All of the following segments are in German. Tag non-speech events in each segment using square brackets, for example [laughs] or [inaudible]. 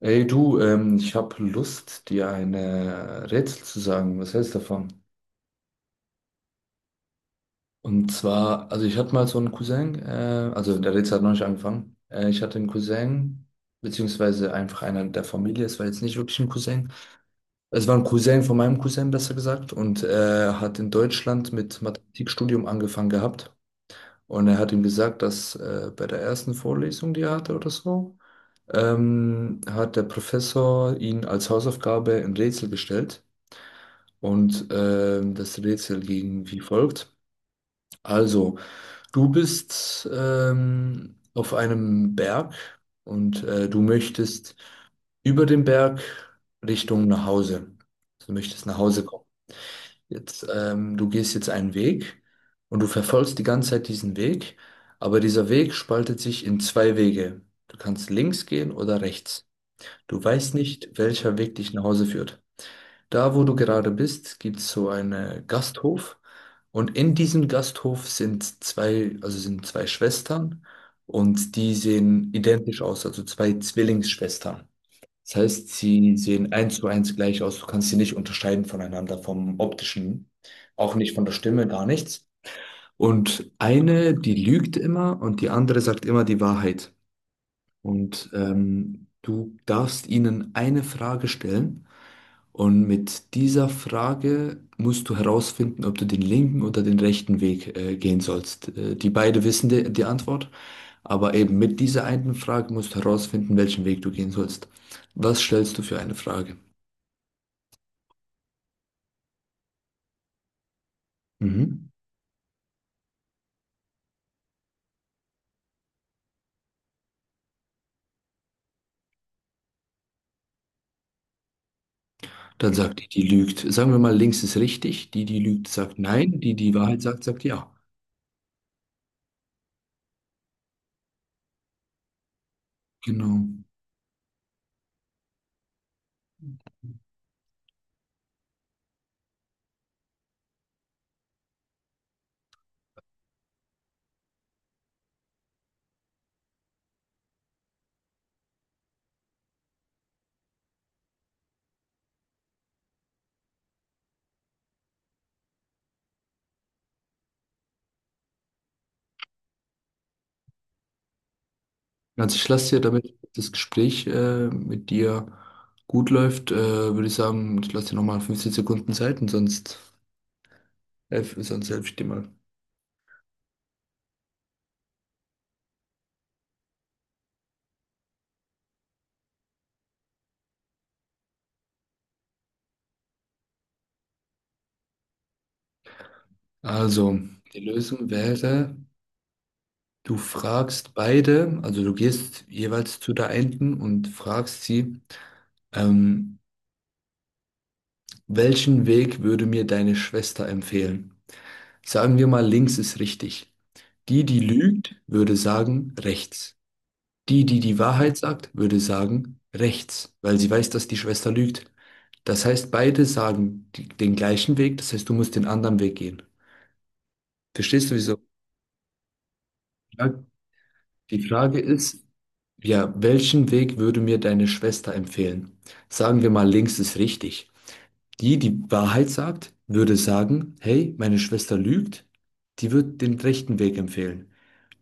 Ey du, ich habe Lust, dir ein Rätsel zu sagen. Was hältst du davon? Und zwar, also ich hatte mal so einen Cousin, also der Rätsel hat noch nicht angefangen. Ich hatte einen Cousin, beziehungsweise einfach einer der Familie, es war jetzt nicht wirklich ein Cousin. Es war ein Cousin von meinem Cousin, besser gesagt, und hat in Deutschland mit Mathematikstudium angefangen gehabt. Und er hat ihm gesagt, dass bei der ersten Vorlesung, die er hatte oder so, hat der Professor ihn als Hausaufgabe ein Rätsel gestellt. Und das Rätsel ging wie folgt. Also, du bist auf einem Berg und du möchtest über den Berg Richtung nach Hause. Du möchtest nach Hause kommen. Jetzt, du gehst jetzt einen Weg und du verfolgst die ganze Zeit diesen Weg, aber dieser Weg spaltet sich in zwei Wege. Du kannst links gehen oder rechts. Du weißt nicht, welcher Weg dich nach Hause führt. Da, wo du gerade bist, gibt es so einen Gasthof und in diesem Gasthof sind zwei, also sind zwei Schwestern und die sehen identisch aus, also zwei Zwillingsschwestern. Das heißt, sie sehen eins zu eins gleich aus. Du kannst sie nicht unterscheiden voneinander vom optischen, auch nicht von der Stimme, gar nichts. Und eine, die lügt immer und die andere sagt immer die Wahrheit. Und du darfst ihnen eine Frage stellen. Und mit dieser Frage musst du herausfinden, ob du den linken oder den rechten Weg gehen sollst. Die beide wissen die Antwort, aber eben mit dieser einen Frage musst du herausfinden, welchen Weg du gehen sollst. Was stellst du für eine Frage? Mhm. Dann sagt die, die lügt. Sagen wir mal, links ist richtig. Die, die lügt, sagt nein. Die, die Wahrheit sagt, sagt ja. Genau. Also ich lasse dir, damit das Gespräch mit dir gut läuft, würde ich sagen, ich lasse dir nochmal 15 Sekunden Zeit und sonst. F ist ein Selbststimme. Also, die Lösung wäre, du fragst beide, also du gehst jeweils zu der einen und fragst sie, ähm, welchen Weg würde mir deine Schwester empfehlen? Sagen wir mal, links ist richtig. Die, die lügt, würde sagen, rechts. Die, die die Wahrheit sagt, würde sagen, rechts, weil sie weiß, dass die Schwester lügt. Das heißt, beide sagen den gleichen Weg, das heißt, du musst den anderen Weg gehen. Verstehst du, wieso? Ja, die Frage ist, ja, welchen Weg würde mir deine Schwester empfehlen? Sagen wir mal, links ist richtig. Die, die Wahrheit sagt, würde sagen, hey, meine Schwester lügt, die wird den rechten Weg empfehlen.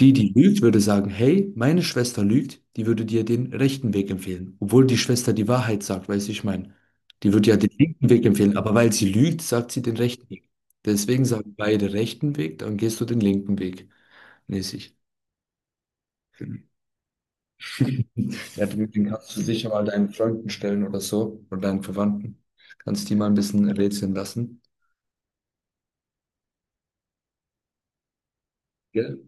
Die, die lügt, würde sagen, hey, meine Schwester lügt, die würde dir den rechten Weg empfehlen. Obwohl die Schwester die Wahrheit sagt, weißt du, ich meine, die würde ja den linken Weg empfehlen, aber weil sie lügt, sagt sie den rechten Weg. Deswegen sagen beide rechten Weg, dann gehst du den linken Weg mäßig. [laughs] Ja, den kannst du sicher mal deinen Freunden stellen oder so, oder deinen Verwandten. Kannst die mal ein bisschen rätseln lassen. Gell?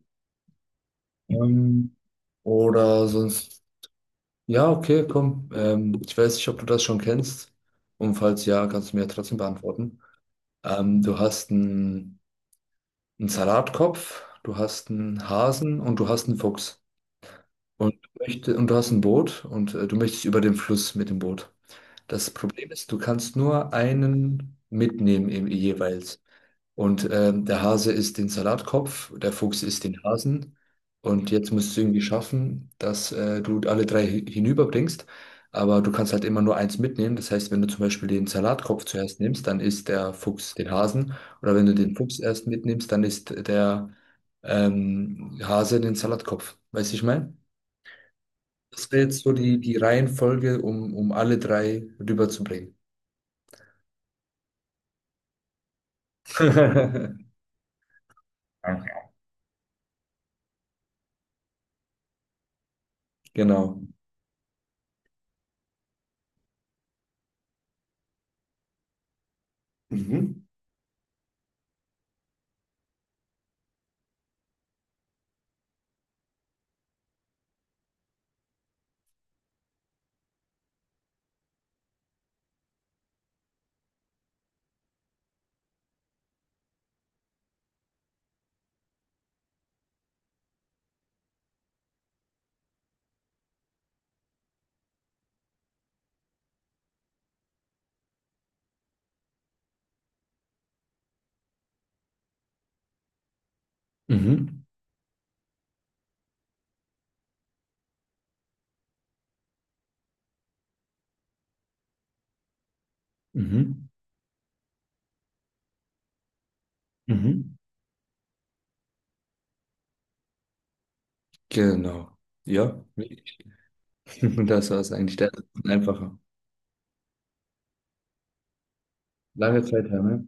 Ähm, oder sonst. Ja, okay, komm. Ich weiß nicht, ob du das schon kennst. Und falls ja, kannst du mir ja trotzdem beantworten. Du hast einen Salatkopf, du hast einen Hasen und du hast einen Fuchs. Und du hast ein Boot und du möchtest über den Fluss mit dem Boot. Das Problem ist, du kannst nur einen mitnehmen jeweils. Und der Hase isst den Salatkopf, der Fuchs isst den Hasen. Und jetzt musst du irgendwie schaffen, dass du alle drei hinüberbringst. Aber du kannst halt immer nur eins mitnehmen. Das heißt, wenn du zum Beispiel den Salatkopf zuerst nimmst, dann isst der Fuchs den Hasen. Oder wenn du den Fuchs erst mitnimmst, dann isst der Hase den Salatkopf. Weißt du, ich meine? Das wäre jetzt so die Reihenfolge, um alle drei rüberzubringen. [laughs] Okay. Genau. Mhm. Mhm. Mhm. Mhm. Genau. Ja, [laughs] das war es eigentlich. Der ist einfacher. Lange Zeit her, ne?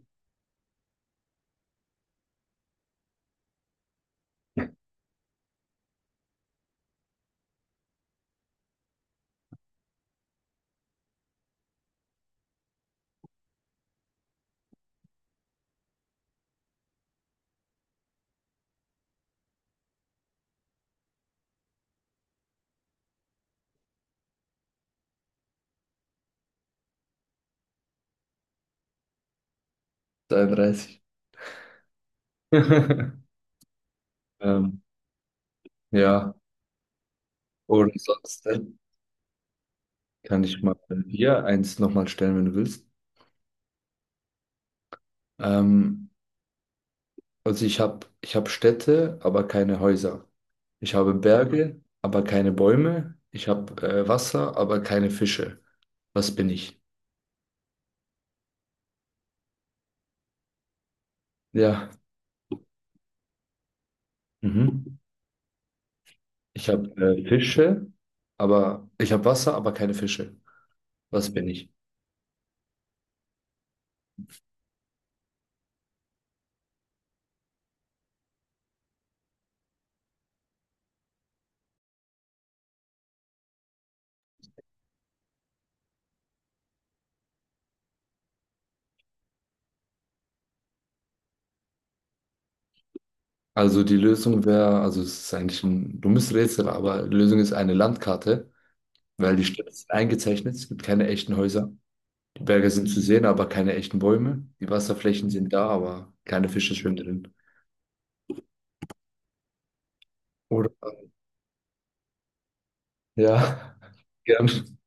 33. [laughs] Ähm, ja, oder sonst kann ich mal hier eins nochmal stellen, wenn du willst. Ähm, also ich habe ich hab Städte, aber keine Häuser. Ich habe Berge, aber keine Bäume. Ich habe Wasser, aber keine Fische. Was bin ich? Ja. Mhm. Ich habe äh, Fische, ich habe Wasser, aber keine Fische. Was bin ich? Also die Lösung wäre, also es ist eigentlich ein dummes Rätsel, aber die Lösung ist eine Landkarte, weil die Städte sind eingezeichnet, es gibt keine echten Häuser. Die Berge sind zu sehen, aber keine echten Bäume. Die Wasserflächen sind da, aber keine Fische schwimmen drin. Oder? Ja, [laughs] gern.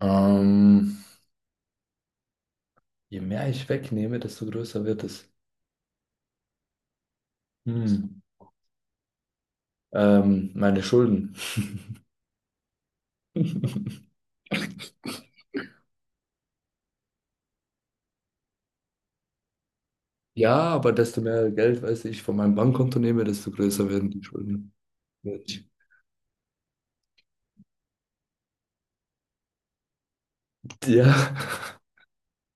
Ähm, Je mehr ich wegnehme, desto größer wird es. Hm. Meine Schulden. [laughs] Ja, aber desto mehr Geld, weiß ich, von meinem Bankkonto nehme, desto größer werden die Schulden. Ja.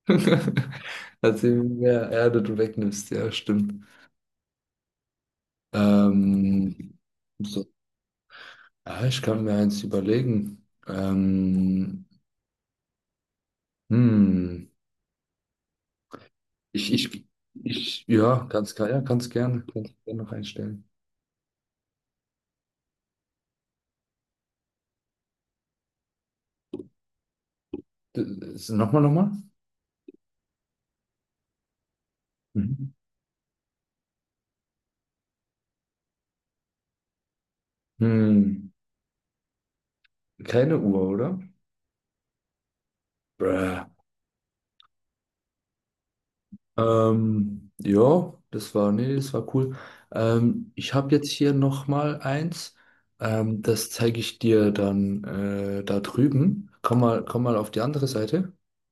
[laughs] Also je mehr Erde du wegnimmst, ja, stimmt. Ähm, so, ja, ich kann mir eins überlegen. Hm, ich, ich, ich, ja, ganz klar, ja, ganz gerne noch einstellen. D- Nochmal, nochmal? Mhm. Hm, Keine Uhr, oder? Bruh. Ja, das war, nee, das war cool. Ich habe jetzt hier nochmal eins. Das zeige ich dir dann da drüben. Komm mal auf die andere Seite.